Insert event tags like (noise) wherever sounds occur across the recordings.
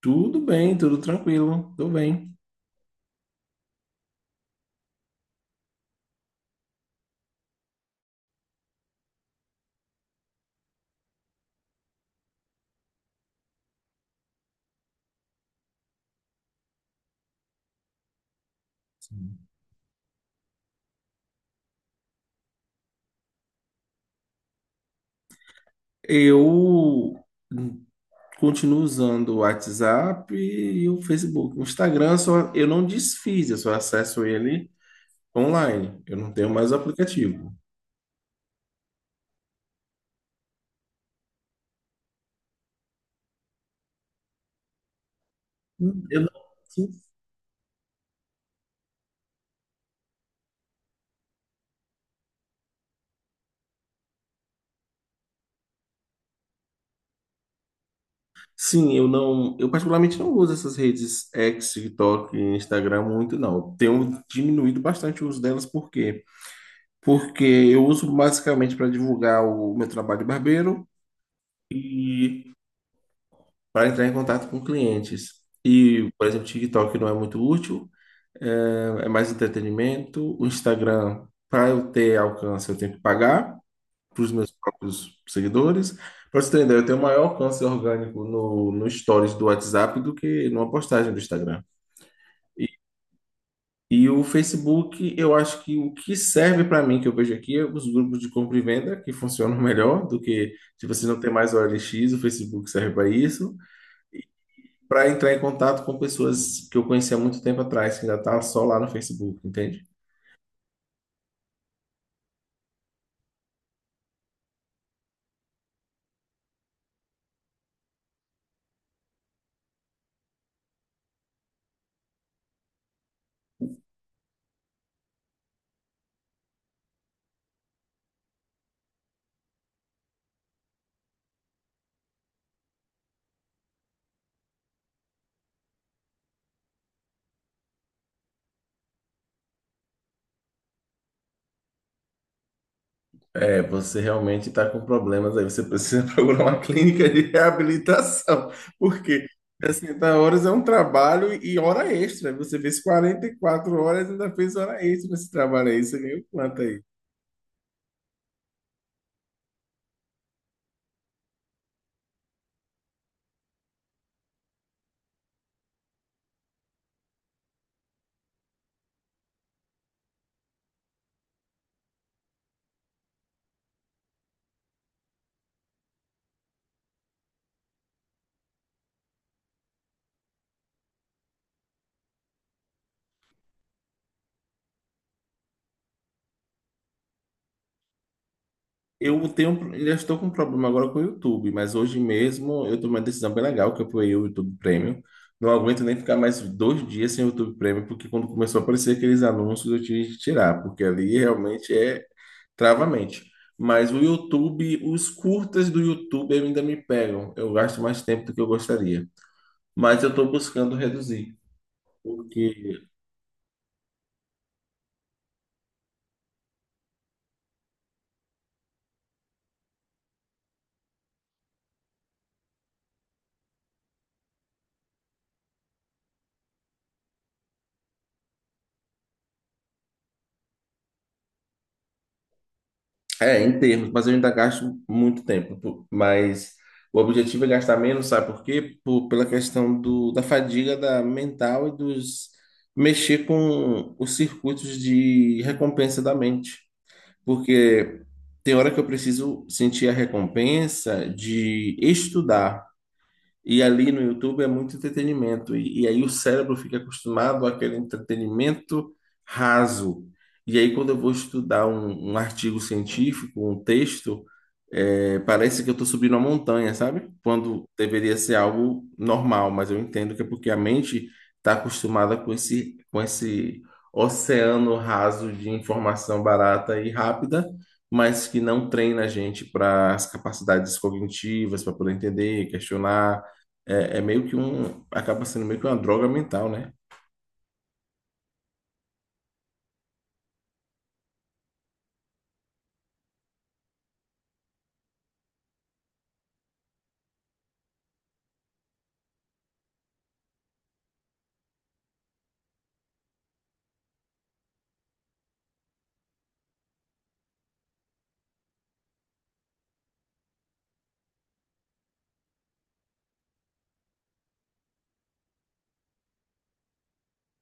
Tudo bem, tudo tranquilo, tudo bem. Sim. Eu continuo usando o WhatsApp e o Facebook. O Instagram só, eu não desfiz, eu só acesso ele online. Eu não tenho mais o aplicativo. Eu não- Sim, sim, eu particularmente não uso essas redes X, TikTok e Instagram muito, não. Eu tenho diminuído bastante o uso delas, por quê? Porque eu uso basicamente para divulgar o meu trabalho de barbeiro e para entrar em contato com clientes. E, por exemplo, o TikTok não é muito útil, é mais entretenimento. O Instagram, para eu ter alcance, eu tenho que pagar para os meus próprios seguidores. Para você ter uma ideia, eu tenho maior alcance orgânico no Stories do WhatsApp do que numa postagem do Instagram. E o Facebook, eu acho que o que serve para mim, que eu vejo aqui, é os grupos de compra e venda, que funcionam (laughs) melhor do que, se você não tem mais OLX, o Facebook serve para isso. Para entrar em contato com pessoas que eu conhecia há muito tempo atrás, que ainda tá só lá no Facebook, entende? É, você realmente está com problemas aí, você precisa (laughs) procurar uma clínica de reabilitação, porque 60 horas é um trabalho e hora extra. Você fez 44 horas e ainda fez hora extra nesse trabalho aí, você ganhou quanto aí? Eu tenho, ainda estou com um problema agora com o YouTube, mas hoje mesmo eu tomei uma decisão bem legal, que eu apoiei o YouTube Premium. Não aguento nem ficar mais dois dias sem o YouTube Premium, porque quando começou a aparecer aqueles anúncios eu tive que tirar, porque ali realmente é travamente. Mas o YouTube, os curtas do YouTube ainda me pegam. Eu gasto mais tempo do que eu gostaria. Mas eu estou buscando reduzir, porque é, em termos, mas eu ainda gasto muito tempo, pô. Mas o objetivo é gastar menos, sabe por quê? Pela questão do, da fadiga da mental e dos mexer com os circuitos de recompensa da mente. Porque tem hora que eu preciso sentir a recompensa de estudar. E ali no YouTube é muito entretenimento. E aí o cérebro fica acostumado àquele entretenimento raso. E aí, quando eu vou estudar um artigo científico, um texto, é, parece que eu estou subindo uma montanha, sabe? Quando deveria ser algo normal, mas eu entendo que é porque a mente está acostumada com esse oceano raso de informação barata e rápida, mas que não treina a gente para as capacidades cognitivas, para poder entender, questionar, é meio que um. Acaba sendo meio que uma droga mental, né?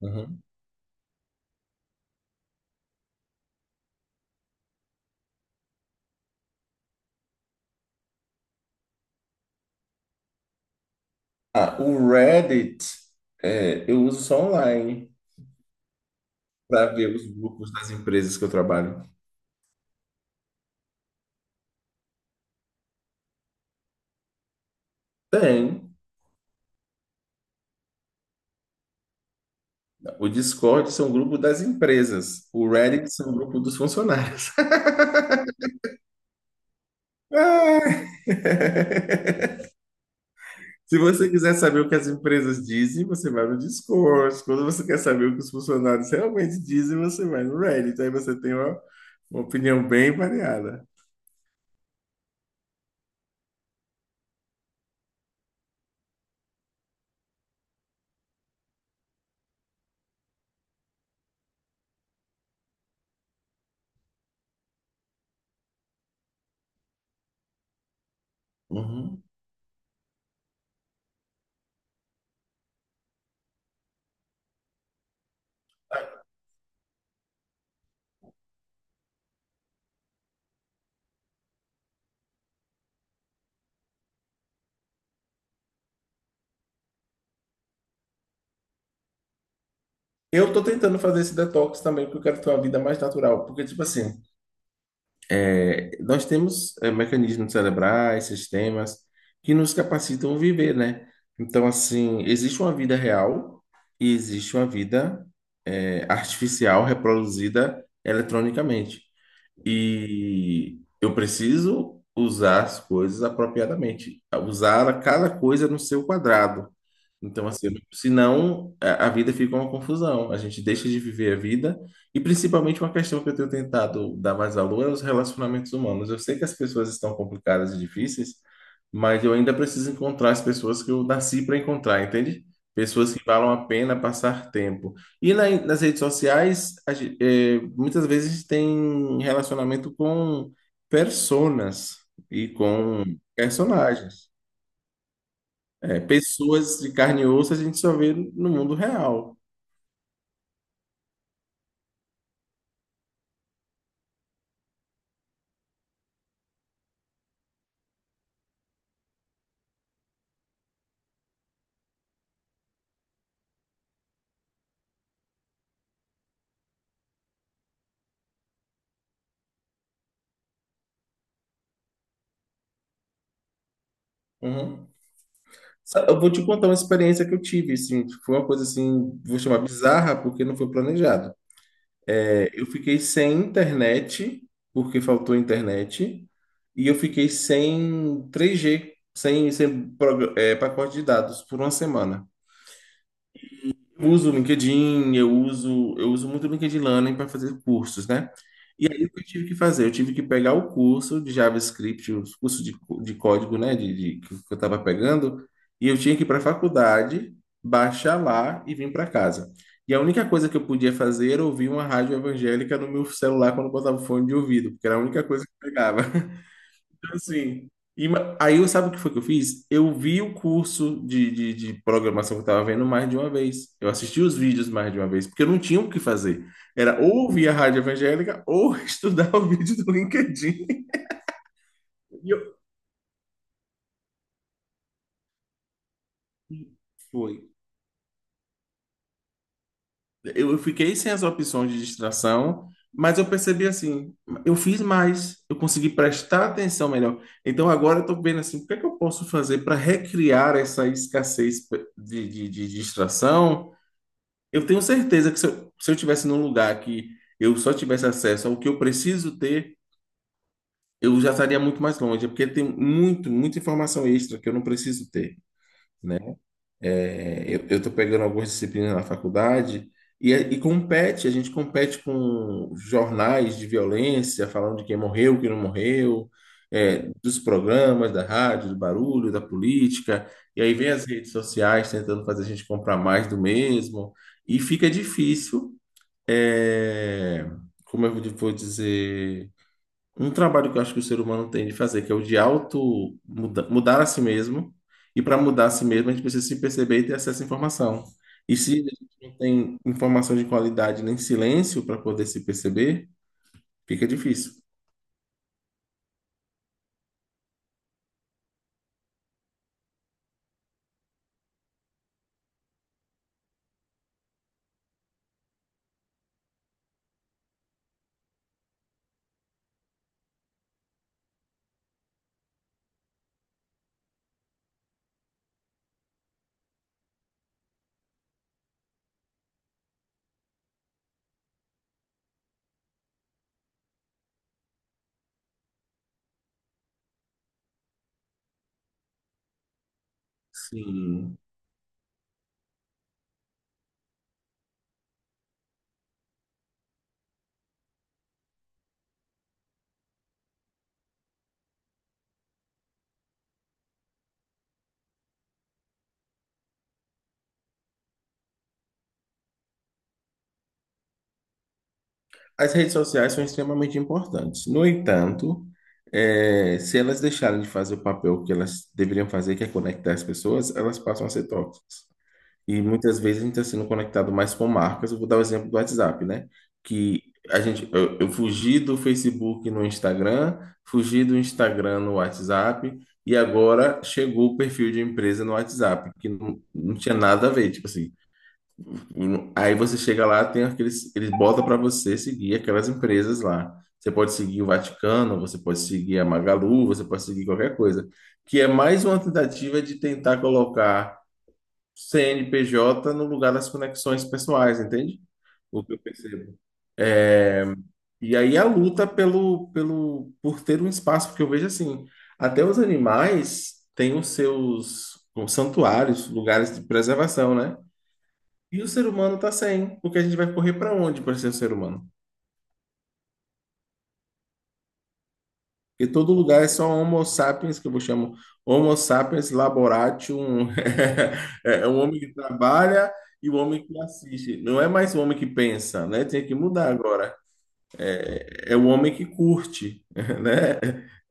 Uhum. Ah, o Reddit, é, eu uso só online para ver os grupos das empresas que eu trabalho. Tem. O Discord são grupos das empresas. O Reddit são um grupo dos funcionários. (laughs) Ai. (laughs) Se você quiser saber o que as empresas dizem, você vai no Discord. Quando você quer saber o que os funcionários realmente dizem, você vai no Reddit. Aí você tem uma opinião bem variada. Uhum. Eu tô tentando fazer esse detox também, porque eu quero ter uma vida mais natural. Porque, tipo assim, é, nós temos é, mecanismos cerebrais, sistemas que nos capacitam a viver, né? Então, assim, existe uma vida real e existe uma vida é, artificial reproduzida eletronicamente. E eu preciso usar as coisas apropriadamente, usar cada coisa no seu quadrado. Então, assim, senão a vida fica uma confusão. A gente deixa de viver a vida, e principalmente uma questão que eu tenho tentado dar mais valor é os relacionamentos humanos. Eu sei que as pessoas estão complicadas e difíceis, mas eu ainda preciso encontrar as pessoas que eu nasci para encontrar, entende? Pessoas que valam a pena passar tempo. E nas redes sociais, muitas vezes a gente tem relacionamento com personas e com personagens. É, pessoas de carne e osso a gente só vê no mundo real. Uhum. Eu vou te contar uma experiência que eu tive, assim, foi uma coisa assim, vou chamar bizarra, porque não foi planejado. É, eu fiquei sem internet, porque faltou internet, e eu fiquei sem 3G, sem pacote de dados por uma semana. Eu uso o LinkedIn, eu uso muito o LinkedIn Learning para fazer cursos, né? E aí o que eu tive que fazer? Eu tive que pegar o curso de JavaScript, o curso de, de código, né, que eu estava pegando, e eu tinha que ir para a faculdade, baixar lá e vir para casa. E a única coisa que eu podia fazer era ouvir uma rádio evangélica no meu celular quando eu botava o fone de ouvido, porque era a única coisa que eu pegava. Então, assim, aí, eu sabe o que foi que eu fiz? Eu vi o curso de programação que eu tava vendo mais de uma vez. Eu assisti os vídeos mais de uma vez, porque eu não tinha o que fazer. Era ou ouvir a rádio evangélica ou (laughs) estudar o vídeo do LinkedIn. E eu- Foi. Eu fiquei sem as opções de distração, mas eu percebi assim, eu fiz mais, eu consegui prestar atenção melhor. Então agora eu estou vendo assim, o que é que eu posso fazer para recriar essa escassez de distração? Eu tenho certeza que se eu tivesse num lugar que eu só tivesse acesso ao que eu preciso ter, eu já estaria muito mais longe, porque tem muito, muita informação extra que eu não preciso ter, né? É, eu estou pegando algumas disciplinas na faculdade, e compete, a gente compete com jornais de violência, falando de quem morreu, quem não morreu, é, dos programas, da rádio, do barulho, da política, e aí vem as redes sociais tentando fazer a gente comprar mais do mesmo, e fica difícil é, como eu vou dizer, um trabalho que eu acho que o ser humano tem de fazer, que é o de auto mudar a si mesmo. E para mudar a si mesmo, a gente precisa se perceber e ter acesso à informação. E se a gente não tem informação de qualidade nem silêncio para poder se perceber, fica difícil. Sim. As redes sociais são extremamente importantes. No entanto, é, se elas deixarem de fazer o papel que elas deveriam fazer, que é conectar as pessoas, elas passam a ser tóxicas. E muitas vezes a gente está sendo conectado mais com marcas. Eu vou dar o exemplo do WhatsApp, né? Que a gente, eu fugi do Facebook no Instagram, fugi do Instagram no WhatsApp, e agora chegou o perfil de empresa no WhatsApp, que não, não tinha nada a ver. Tipo assim, aí você chega lá, tem aqueles, eles botam para você seguir aquelas empresas lá. Você pode seguir o Vaticano, você pode seguir a Magalu, você pode seguir qualquer coisa. Que é mais uma tentativa de tentar colocar CNPJ no lugar das conexões pessoais, entende? O que eu percebo. É, e aí a luta por ter um espaço, porque eu vejo assim, até os animais têm os seus os santuários, lugares de preservação, né? E o ser humano tá sem, porque a gente vai correr para onde para ser ser humano? Porque todo lugar é só Homo sapiens, que eu chamo Homo sapiens laboratium, (laughs) é o homem que trabalha e o homem que assiste, não é mais o homem que pensa, né? Tem que mudar agora. É o homem que curte, (laughs) né?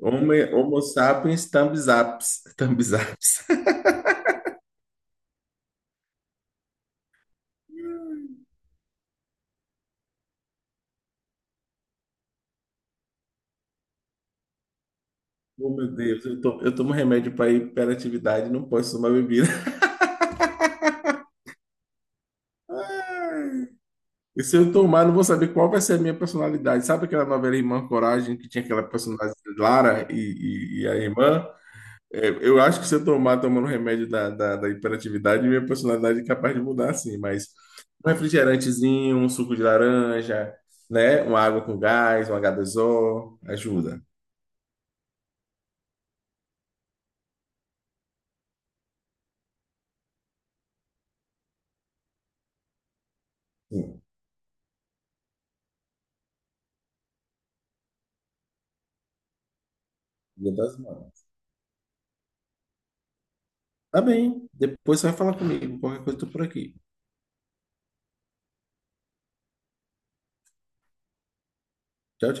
Homo sapiens thumbs ups. (laughs) Thumbs ups. Oh, meu Deus, eu tomo remédio para hiperatividade, não posso tomar bebida. (laughs) E se eu tomar, não vou saber qual vai ser a minha personalidade. Sabe aquela novela Irmã Coragem, que tinha aquela personagem de Lara e a irmã? É, eu acho que se eu tomar tomando remédio da hiperatividade, minha personalidade é capaz de mudar, sim, mas um refrigerantezinho, um suco de laranja, né? Uma água com gás, um H2O, ajuda. Sim, dia das mãos. Tá bem, depois você vai falar comigo, qualquer coisa eu tô por aqui. Tchau, tchau.